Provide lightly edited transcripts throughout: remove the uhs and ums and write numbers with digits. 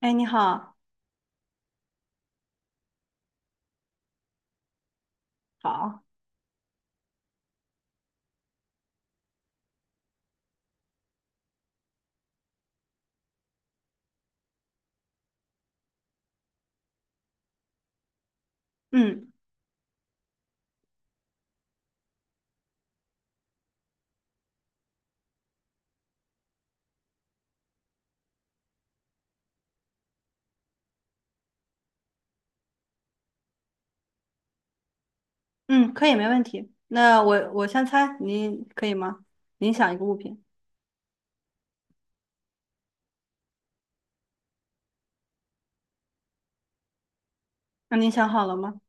哎，你好。好，嗯嗯，可以，没问题。那我先猜，您可以吗？您想一个物品。那您想好了吗？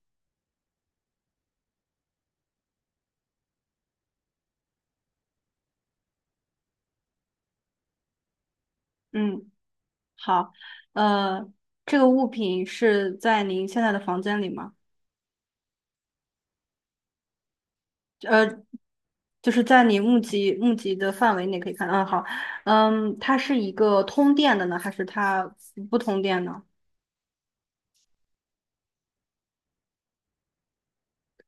嗯，好，呃，这个物品是在您现在的房间里吗？就是在你目及的范围内可以看。嗯，好。嗯，它是一个通电的呢，还是它不通电呢？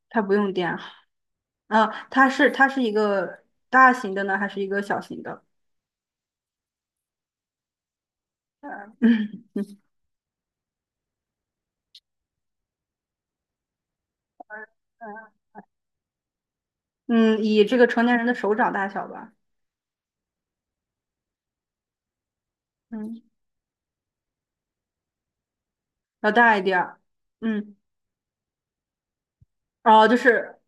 它不用电啊。啊，它是一个大型的呢，还是一个小型的？嗯。嗯，以这个成年人的手掌大小吧。嗯，要大一点儿。嗯，哦，就是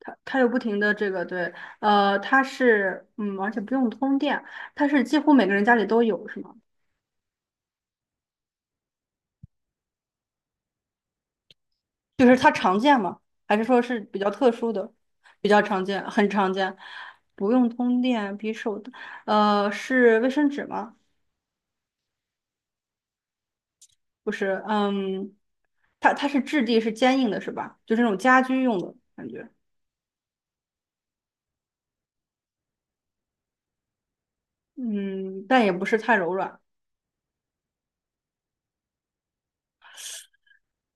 它，它有不停的这个，对。它是，嗯，而且不用通电，它是几乎每个人家里都有，是吗？就是它常见吗？还是说是比较特殊的？比较常见，很常见。不用通电，比手的，是卫生纸吗？不是。嗯，它是质地是坚硬的，是吧？就是那种家居用的感觉。嗯，但也不是太柔软。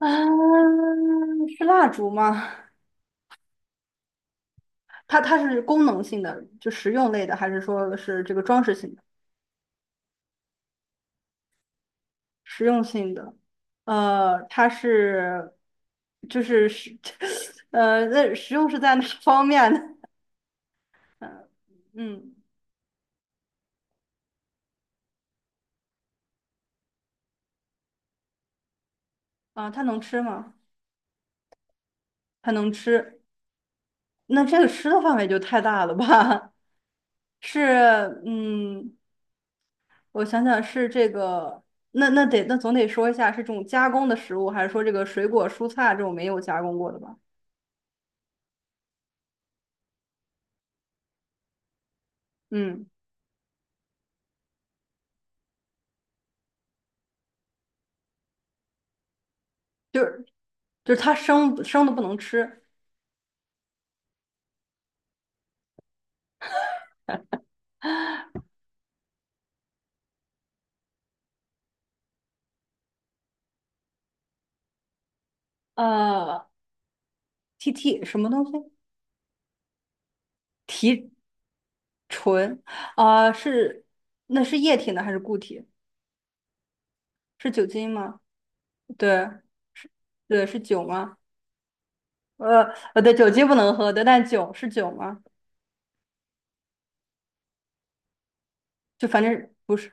啊，是蜡烛吗？它是功能性的，就实用类的，还是说是这个装饰性的？实用性的。它是 那实用是在哪方面呢？嗯。啊，它能吃吗？它能吃。那这个吃的范围就太大了吧？是。嗯，我想想是这个。那得总得说一下是这种加工的食物，还是说这个水果蔬菜这种没有加工过的吧？嗯。就是就是它生生的不能吃。呃，T T 什么东西？提纯。啊、是。那是液体呢还是固体？是酒精吗？对。对，是酒吗？呃对，酒精不能喝的，但酒是酒吗？就反正不是。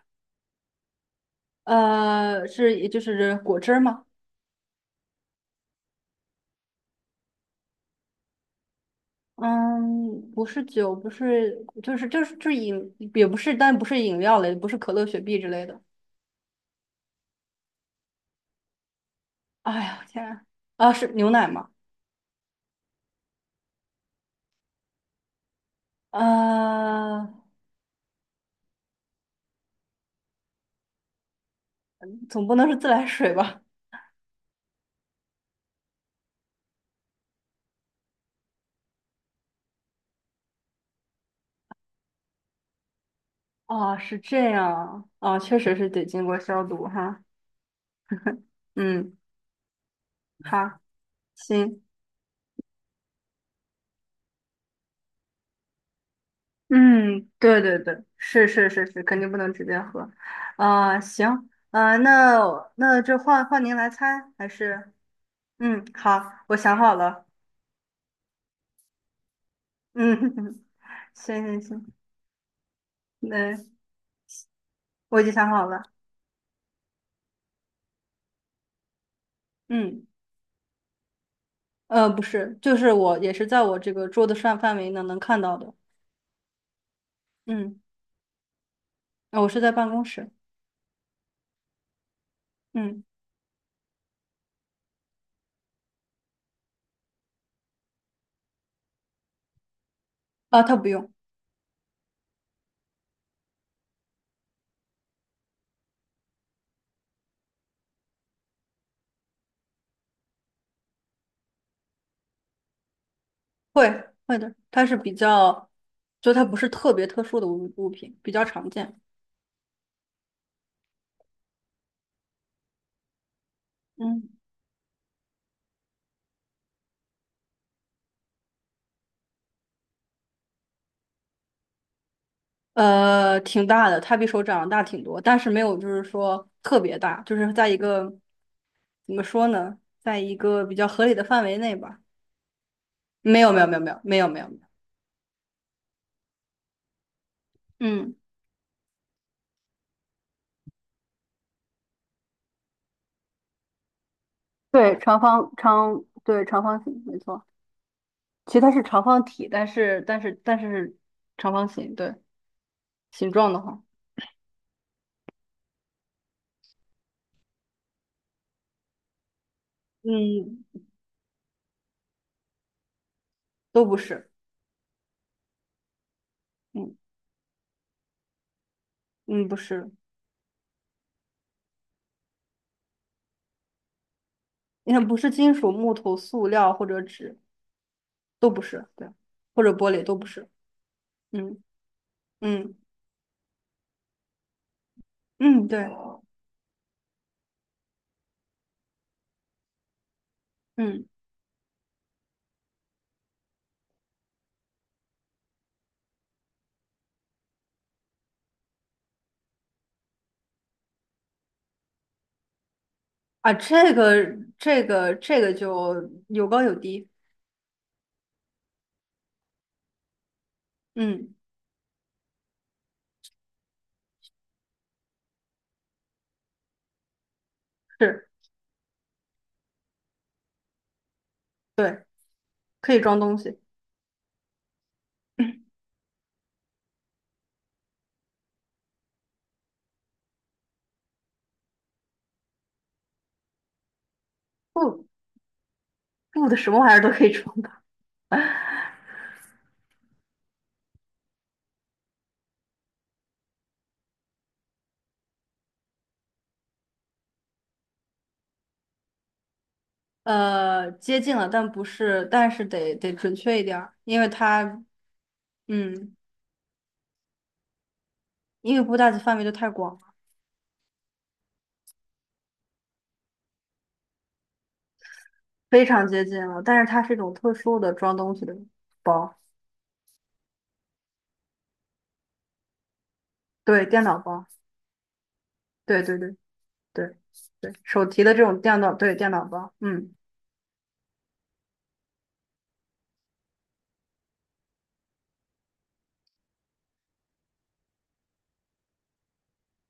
是也就是果汁儿吗？嗯，不是酒，不是，就是饮，也不是，但不是饮料类，不是可乐、雪碧之类的。哎呀，天啊。啊，是牛奶吗？呃，总不能是自来水吧？哦，是这样，啊，确实是得经过消毒哈。嗯，好，行。嗯，对对对，是是是是，肯定不能直接喝。啊、行。啊、那那这换换您来猜，还是嗯，好，我想好了。嗯，行行行，那我已经想好了。嗯，不是，就是我也是在我这个桌子上范围呢能看到的。嗯，呃我是在办公室。嗯，啊，他不用。会。会的，它是比较，就它不是特别特殊的物品，比较常见。嗯，挺大的，它比手掌大挺多，但是没有就是说特别大，就是在一个怎么说呢，在一个比较合理的范围内吧。没有没有没有没有没有没有没有。嗯，对，长方长，对，长方形，没错。其实它是长方体，但是长方形，对，形状的话，嗯，都不是。嗯嗯，不是。你看，不是金属、木头、塑料或者纸，都不是，对，或者玻璃都不是。嗯嗯嗯，对。嗯啊，这个就有高有低。嗯，是。对，可以装东西。布。布的什么玩意儿都可以装的。接近了，但不是，但是得准确一点儿，因为它，嗯，因为布袋子范围就太广了。非常接近了，但是它是一种特殊的装东西的包。对，电脑包。对对对。对对，手提的这种电脑，对，电脑包。嗯，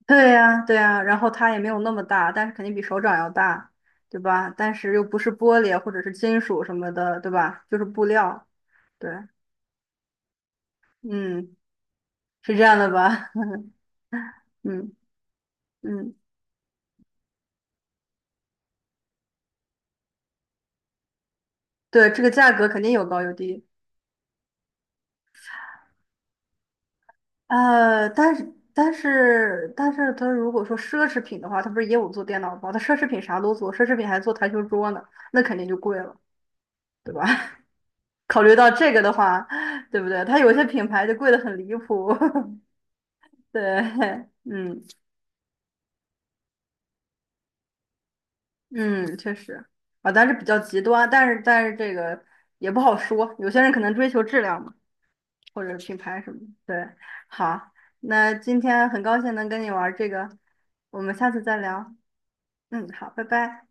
对呀，对呀，然后它也没有那么大，但是肯定比手掌要大，对吧？但是又不是玻璃或者是金属什么的，对吧？就是布料。对，嗯，是这样的吧？嗯嗯，对，这个价格肯定有高有低。但是它如果说奢侈品的话，它不是也有做电脑包？它奢侈品啥都做，奢侈品还做台球桌呢，那肯定就贵了，对吧？考虑到这个的话，对不对？它有些品牌就贵得很离谱。对。嗯嗯，确实。啊，但是比较极端，但是但是这个也不好说，有些人可能追求质量嘛，或者品牌什么的，对。好，那今天很高兴能跟你玩这个，我们下次再聊。嗯，好，拜拜。